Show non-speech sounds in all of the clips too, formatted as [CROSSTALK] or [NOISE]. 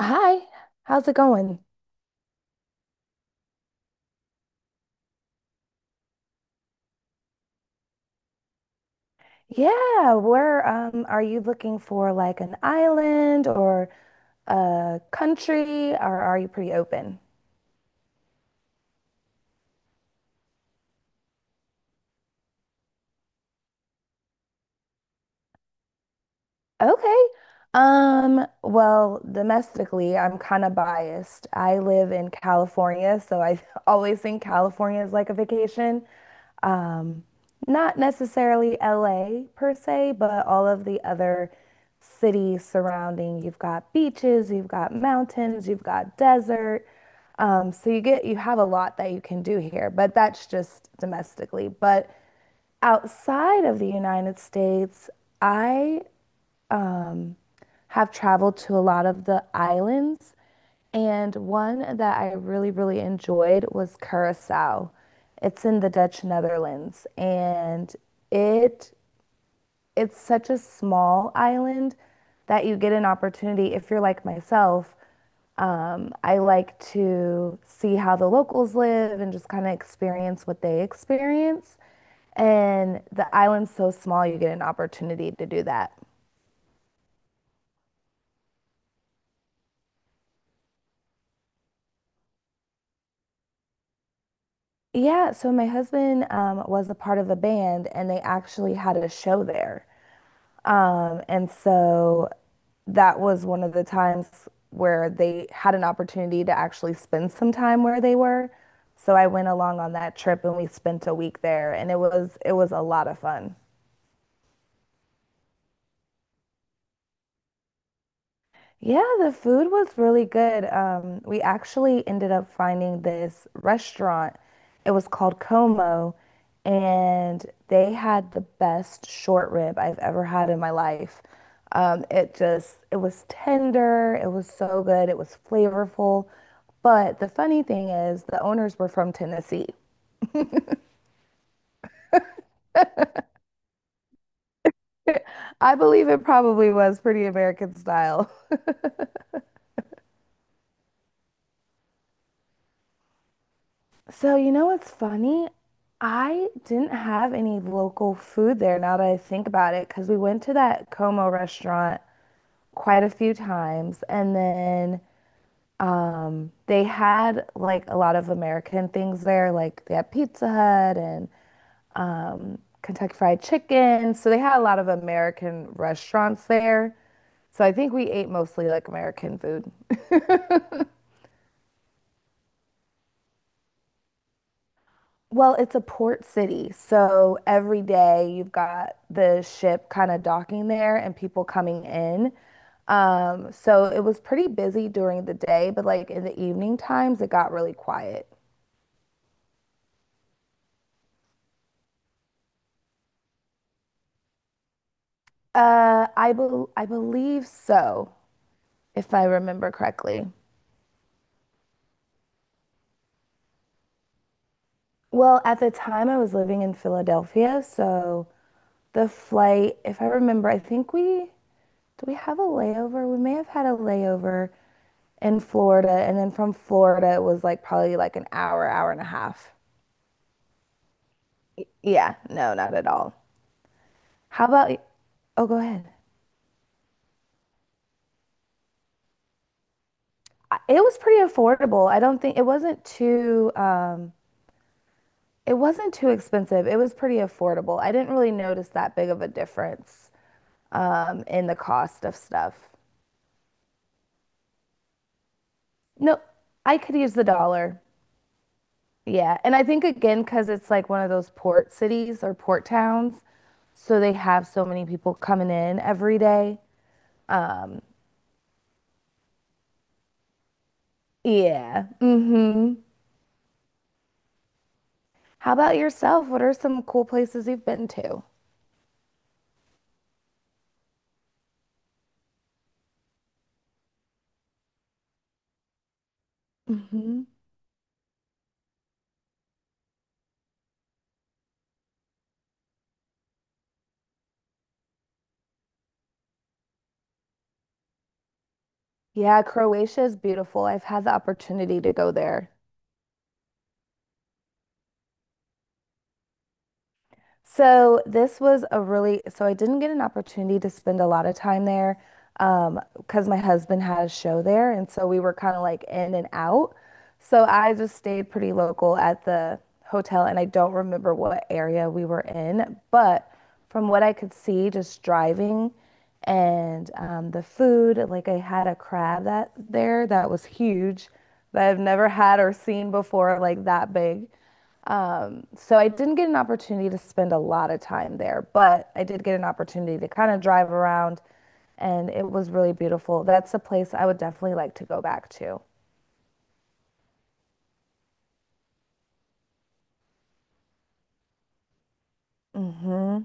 Hi, how's it going? Yeah, where are you looking for like an island or a country, or are you pretty open? Okay. Well, domestically, I'm kind of biased. I live in California, so I [LAUGHS] always think California is like a vacation. Um, Not necessarily LA per se, but all of the other cities surrounding. You've got beaches, you've got mountains, you've got desert. So you have a lot that you can do here, but that's just domestically. But outside of the United States, I have traveled to a lot of the islands. And one that I really, really enjoyed was Curaçao. It's in the Dutch Netherlands, and it it's such a small island that you get an opportunity if you're like myself. I like to see how the locals live and just kind of experience what they experience. And the island's so small, you get an opportunity to do that. Yeah, so my husband was a part of a band and they actually had a show there. And so that was one of the times where they had an opportunity to actually spend some time where they were. So I went along on that trip and we spent a week there, and it was a lot of fun. Yeah, the food was really good. We actually ended up finding this restaurant. It was called Como, and they had the best short rib I've ever had in my life. It just, it was tender, it was so good, it was flavorful. But the funny thing is, the owners were from Tennessee. I believe it probably was pretty American style. [LAUGHS] So, you know what's funny? I didn't have any local food there now that I think about it, because we went to that Como restaurant quite a few times. And then they had like a lot of American things there, like they had Pizza Hut and Kentucky Fried Chicken. So they had a lot of American restaurants there. So I think we ate mostly like American food. [LAUGHS] Well, it's a port city, so every day you've got the ship kind of docking there and people coming in. So it was pretty busy during the day, but like in the evening times, it got really quiet. I believe so, if I remember correctly. Well, at the time I was living in Philadelphia, so the flight, if I remember, I think we Do we have a layover? We may have had a layover in Florida, and then from Florida, it was like probably like an hour, hour and a half. Yeah, no, not at all. How about, oh, go ahead. It was pretty affordable. I don't think it wasn't too expensive. It was pretty affordable. I didn't really notice that big of a difference in the cost of stuff. No, I could use the dollar. Yeah, and I think again because it's like one of those port cities or port towns, so they have so many people coming in every day. Um, yeah. Mm-hmm. How about yourself? What are some cool places you've been to? hmm Yeah, Croatia is beautiful. I've had the opportunity to go there. So this was a really, so I didn't get an opportunity to spend a lot of time there, because my husband had a show there. And so we were kind of like in and out. So I just stayed pretty local at the hotel and I don't remember what area we were in, but from what I could see, just driving and the food, like I had a crab that there that was huge, that I've never had or seen before, like that big. So I didn't get an opportunity to spend a lot of time there, but I did get an opportunity to kind of drive around, and it was really beautiful. That's a place I would definitely like to go back to. hmm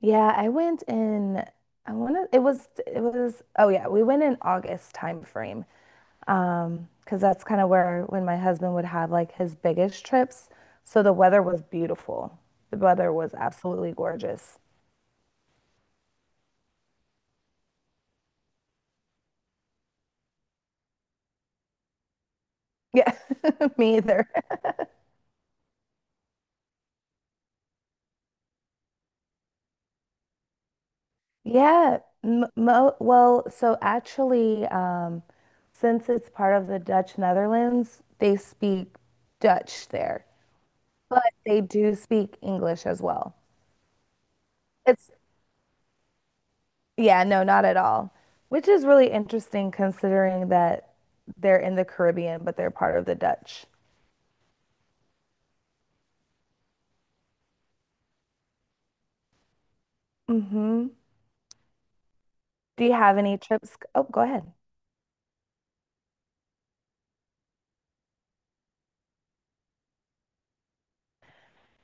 Yeah, I went in, I want to, it was, oh yeah, we went in August time frame. Because that's kind of where when my husband would have like his biggest trips. So the weather was beautiful. The weather was absolutely gorgeous. Yeah, [LAUGHS] me either. So actually, since it's part of the Dutch Netherlands, they speak Dutch there, but they do speak English as well. It's, yeah, no, not at all, which is really interesting considering that they're in the Caribbean, but they're part of the Dutch. hmm Do you have any trips? Oh, go ahead.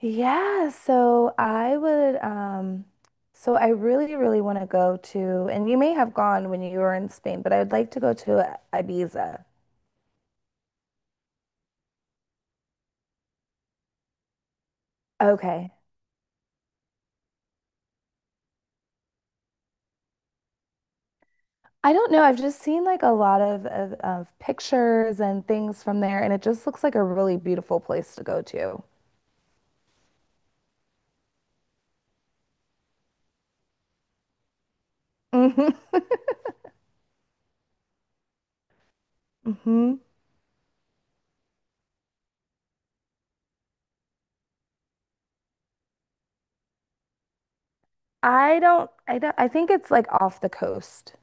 Yeah, so I would um so I really really want to go to, and you may have gone when you were in Spain, but I would like to go to Ibiza. Okay. I don't know. I've just seen like a lot of pictures and things from there, and it just looks like a really beautiful place to go to. Mhm. Mhm. I don't, I think it's like off the coast.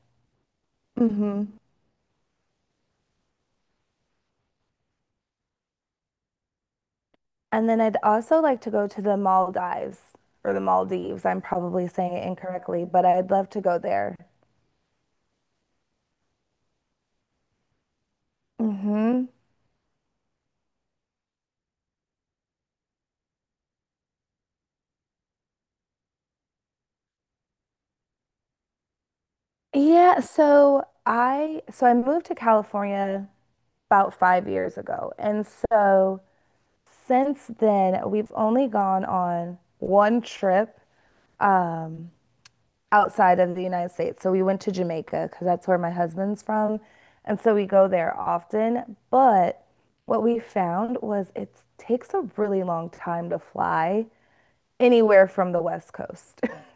And then I'd also like to go to the Maldives or the Maldives. I'm probably saying it incorrectly, but I'd love to go there. hmm so I moved to California about 5 years ago. And so since then, we've only gone on one trip. Um, Outside of the United States. So we went to Jamaica because that's where my husband's from. And so we go there often. But what we found was it takes a really long time to fly anywhere from the West Coast. [LAUGHS]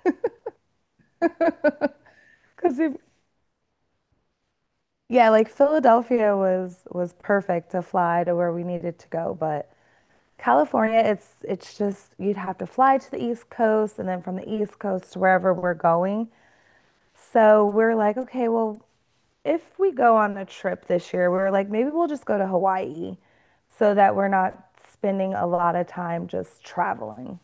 Because if, Yeah, like Philadelphia was perfect to fly to where we needed to go, but California, it's just you'd have to fly to the East Coast and then from the East Coast to wherever we're going. So we're like, okay, well, if we go on a trip this year, we were like, maybe we'll just go to Hawaii so that we're not spending a lot of time just traveling.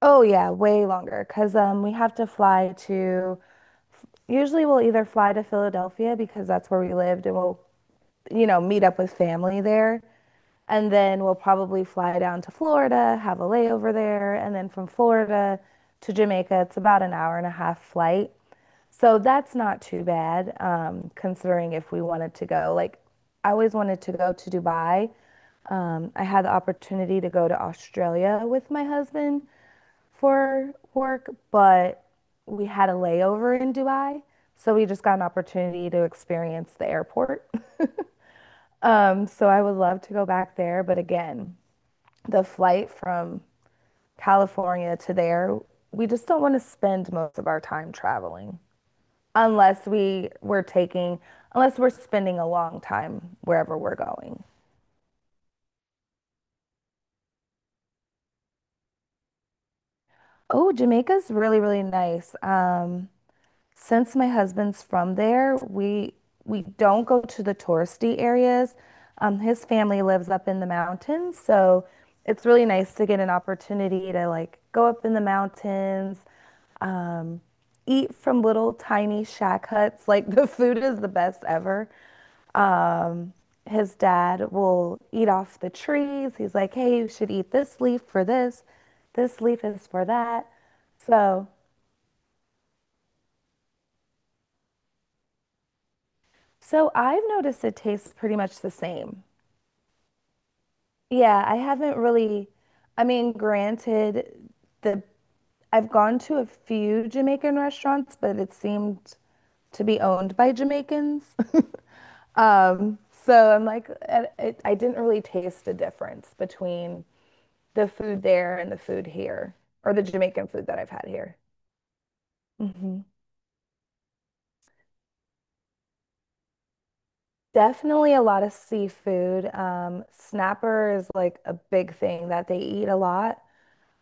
Oh yeah, way longer because we have to fly to, usually we'll either fly to Philadelphia because that's where we lived, and we'll you know meet up with family there, and then we'll probably fly down to Florida, have a layover there, and then from Florida to Jamaica it's about an hour and a half flight. So that's not too bad, considering if we wanted to go. Like, I always wanted to go to Dubai. I had the opportunity to go to Australia with my husband for work, but we had a layover in Dubai. So we just got an opportunity to experience the airport. [LAUGHS] So I would love to go back there. But again, the flight from California to there, we just don't want to spend most of our time traveling. unless we were taking, Unless we're spending a long time wherever we're going. Oh, Jamaica's really, really nice. Since my husband's from there, we don't go to the touristy areas. His family lives up in the mountains, so it's really nice to get an opportunity to like go up in the mountains, um, eat from little tiny shack huts. Like [LAUGHS] the food is the best ever. Um, his dad will eat off the trees. He's like, "Hey, you should eat this leaf for this. This leaf is for that." So So I've noticed it tastes pretty much the same. Yeah, I haven't really, I mean, granted, the I've gone to a few Jamaican restaurants, but it seemed to be owned by Jamaicans. [LAUGHS] Um, so I'm like, I didn't really taste the difference between the food there and the food here, or the Jamaican food that I've had here. hmm Definitely a lot of seafood. Snapper is like a big thing that they eat a lot.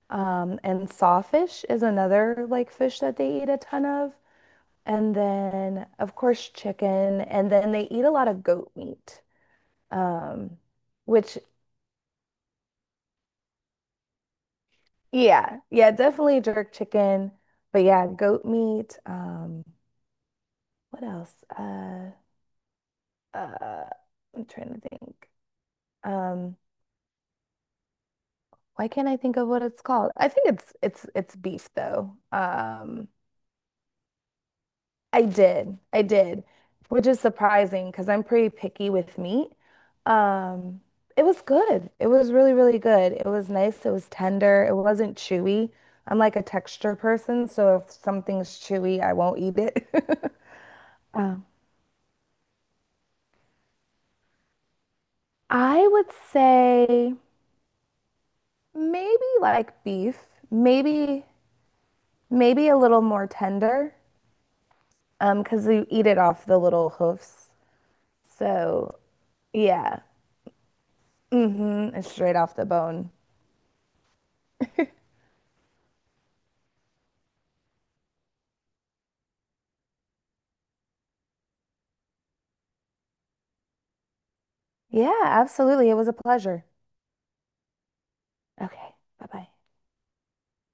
And sawfish is another like fish that they eat a ton of. And then, of course, chicken. And then they eat a lot of goat meat. Um, which, yeah, yeah, definitely jerk chicken. But yeah, goat meat. What else? Uh, I'm trying to think. Um, why can't I think of what it's called? I think it's beef though. I did. I did, which is surprising because I'm pretty picky with meat. Um, it was good. It was really, really good. It was nice. It was tender. It wasn't chewy. I'm like a texture person, so if something's chewy, I won't eat it. [LAUGHS] Oh. I would say maybe like beef, maybe maybe a little more tender, because you eat it off the little hoofs. So yeah, mm-hmm, it's straight off the bone. Yeah, absolutely. It was a pleasure. Okay. Bye bye.